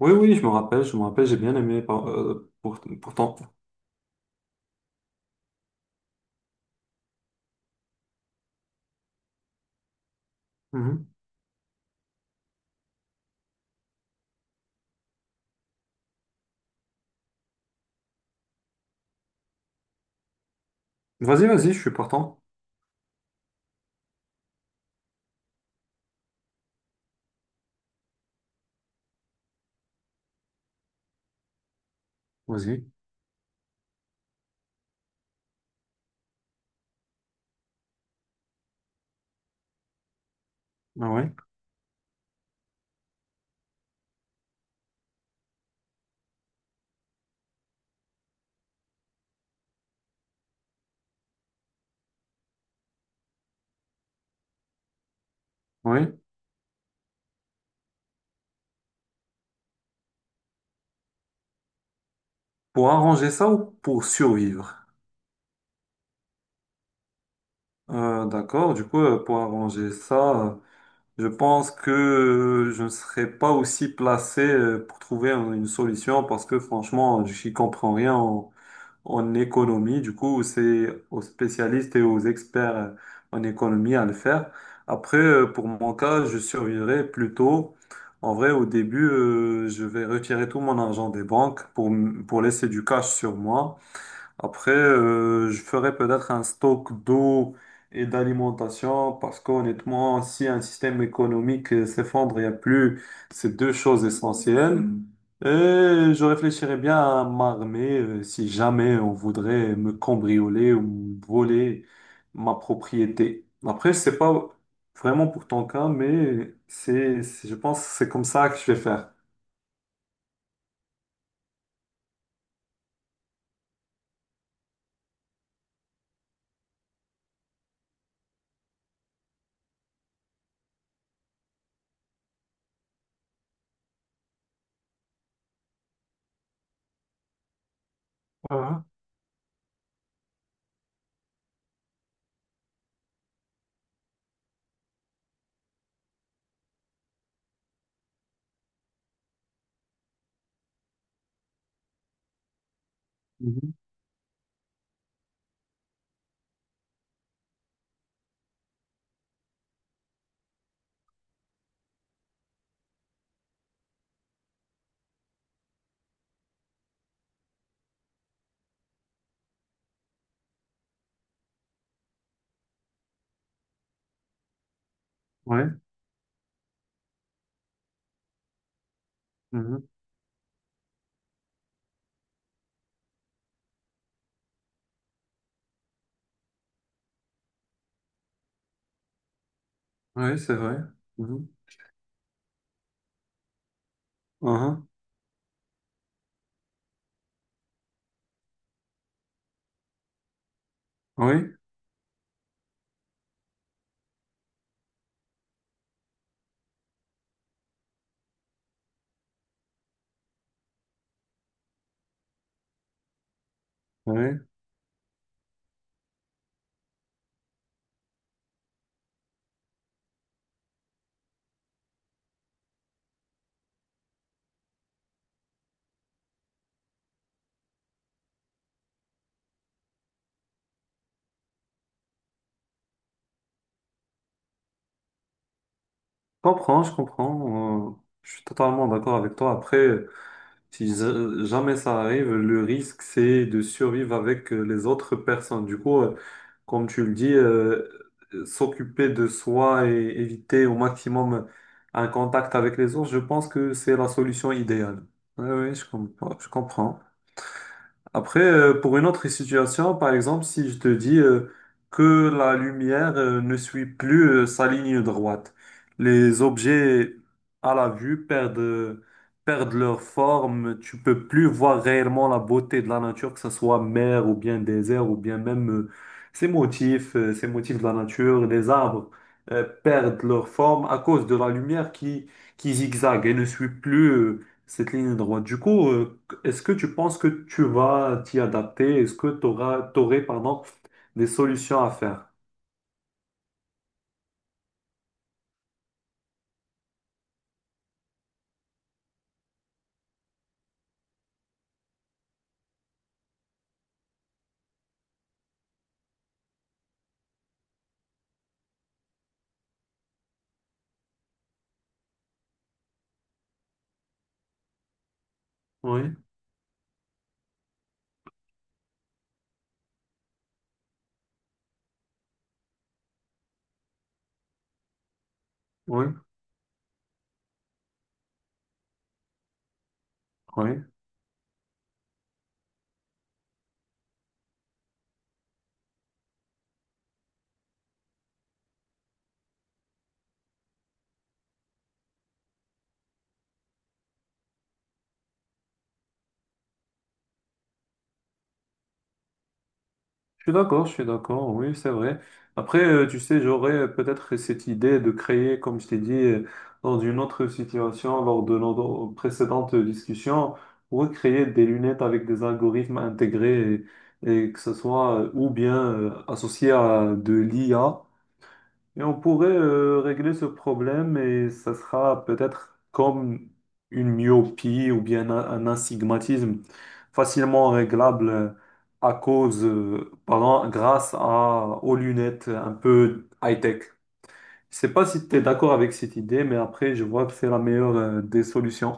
Oui, oui, je me rappelle, j'ai bien aimé pourtant. Mhm. Vas-y, vas-y, je suis partant. Vas-y. Ah oui, oui. Pour arranger ça ou pour survivre? D'accord, du coup, pour arranger ça, je pense que je ne serais pas aussi placé pour trouver une solution parce que franchement, je n'y comprends rien en économie. Du coup, c'est aux spécialistes et aux experts en économie à le faire. Après, pour mon cas, je survivrai plutôt. En vrai, au début, je vais retirer tout mon argent des banques pour, pour laisser du cash sur moi. Après, je ferais peut-être un stock d'eau et d'alimentation parce qu'honnêtement, si un système économique s'effondre, il n'y a plus ces deux choses essentielles. Mhm. Et je réfléchirais bien à m'armer si jamais on voudrait me cambrioler ou me voler ma propriété. Après, je sais pas vraiment pour ton cas, mais je pense que c'est comme ça que je vais faire. Mhm. Ouais, mhm. Ouais, c'est vrai. Mhm. Mhm. Oui. Oui. Je comprends, je comprends. Je suis totalement d'accord avec toi. Après, si jamais ça arrive, le risque, c'est de survivre avec les autres personnes. Du coup, comme tu le dis, s'occuper de soi et éviter au maximum un contact avec les autres, je pense que c'est la solution idéale. Oui, oui, je comprends. Je comprends. Après, pour une autre situation, par exemple, si je te dis que la lumière ne suit plus sa ligne droite, les objets à la vue perdent leur forme, tu peux plus voir réellement la beauté de la nature, que ce soit mer ou bien désert ou bien même ces ces motifs de la nature, les arbres perdent leur forme à cause de la lumière qui zigzague et ne suit plus cette ligne droite. Du coup, est-ce que tu penses que tu vas t'y adapter? Est-ce que tu aurais, pardon, des solutions à faire? Oui, oui, oui. Je suis d'accord, oui, c'est vrai. Après, tu sais, j'aurais peut-être cette idée de créer, comme je t'ai dit, dans une autre situation, lors de notre précédente discussion, recréer des lunettes avec des algorithmes intégrés et, que ce soit ou bien associé à de l'IA. Et on pourrait régler ce problème et ça sera peut-être comme une myopie ou bien un astigmatisme facilement réglable à pardon, grâce à, aux lunettes un peu high-tech. Je sais pas si tu es d'accord avec cette idée, mais après, je vois que c'est la meilleure des solutions.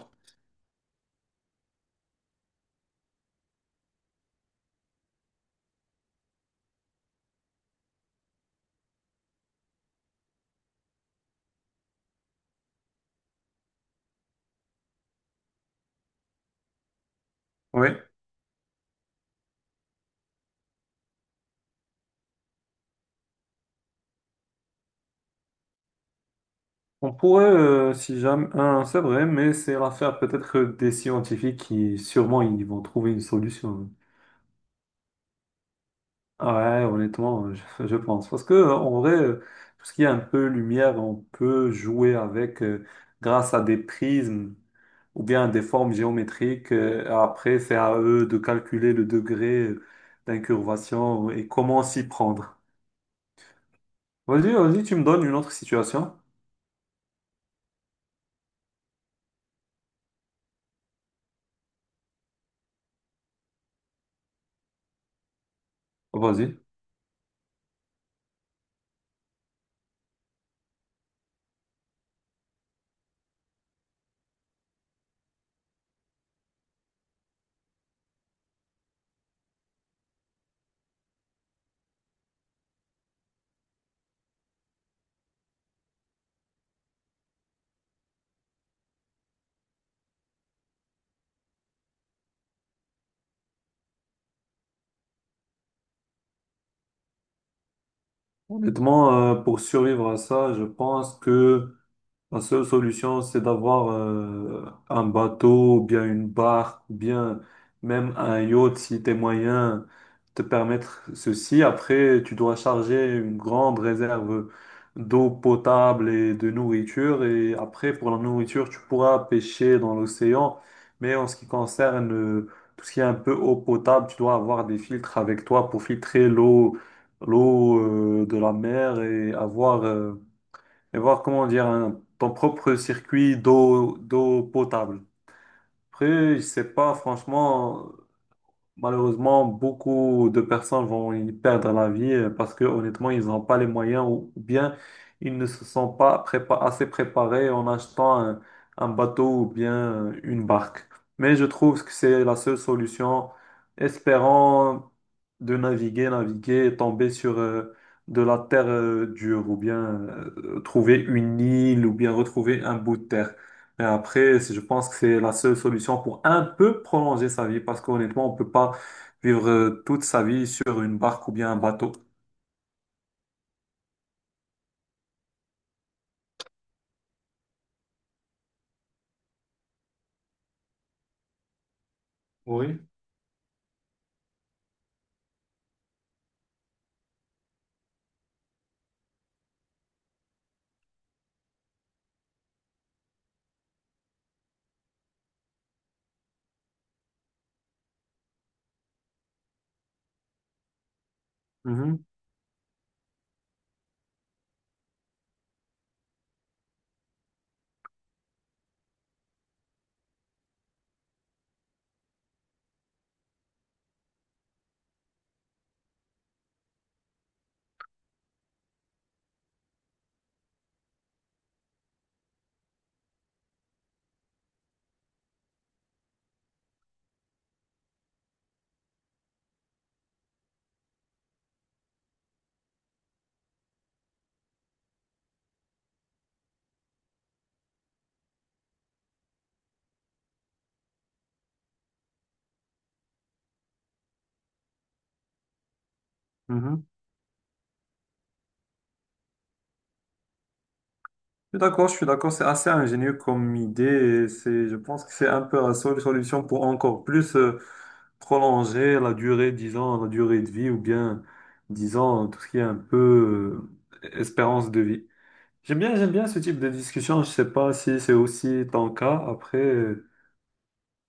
Oui. On pourrait, si jamais, hein, c'est vrai, mais c'est l'affaire peut-être des scientifiques sûrement, ils vont trouver une solution, hein. Ouais, honnêtement, je pense. Parce que, en vrai, tout ce qui est un peu lumière, on peut jouer avec grâce à des prismes ou bien des formes géométriques. Après, c'est à eux de calculer le degré d'incurvation et comment s'y prendre. Vas-y, vas-y, tu me donnes une autre situation. Vas-y. Honnêtement, pour survivre à ça, je pense que la seule solution, c'est d'avoir un bateau, ou bien une barque, ou bien même un yacht si tes moyens te permettre ceci. Après, tu dois charger une grande réserve d'eau potable et de nourriture. Et après, pour la nourriture, tu pourras pêcher dans l'océan. Mais en ce qui concerne tout ce qui est un peu eau potable, tu dois avoir des filtres avec toi pour filtrer l'eau, l'eau de la mer et avoir et voir comment dire ton propre circuit d'eau potable. Après, je sais pas, franchement, malheureusement, beaucoup de personnes vont y perdre la vie parce que honnêtement, ils n'ont pas les moyens ou bien ils ne se sont pas assez préparés en achetant un bateau ou bien une barque. Mais je trouve que c'est la seule solution, espérant de naviguer, naviguer et tomber sur de la terre dure ou bien trouver une île ou bien retrouver un bout de terre. Et après, je pense que c'est la seule solution pour un peu prolonger sa vie, parce qu'honnêtement, on peut pas vivre toute sa vie sur une barque ou bien un bateau. Mhm, mhm. Je suis d'accord, c'est assez ingénieux comme idée, et je pense que c'est un peu la seule solution pour encore plus prolonger la durée, disons, la durée de vie, ou bien, disons, tout ce qui est un peu espérance de vie. J'aime bien ce type de discussion, je sais pas si c'est aussi ton cas, après...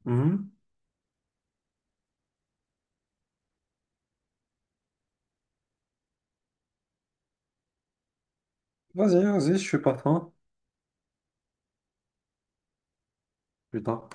mhm. Vas-y, vas-y, je suis partant. Putain.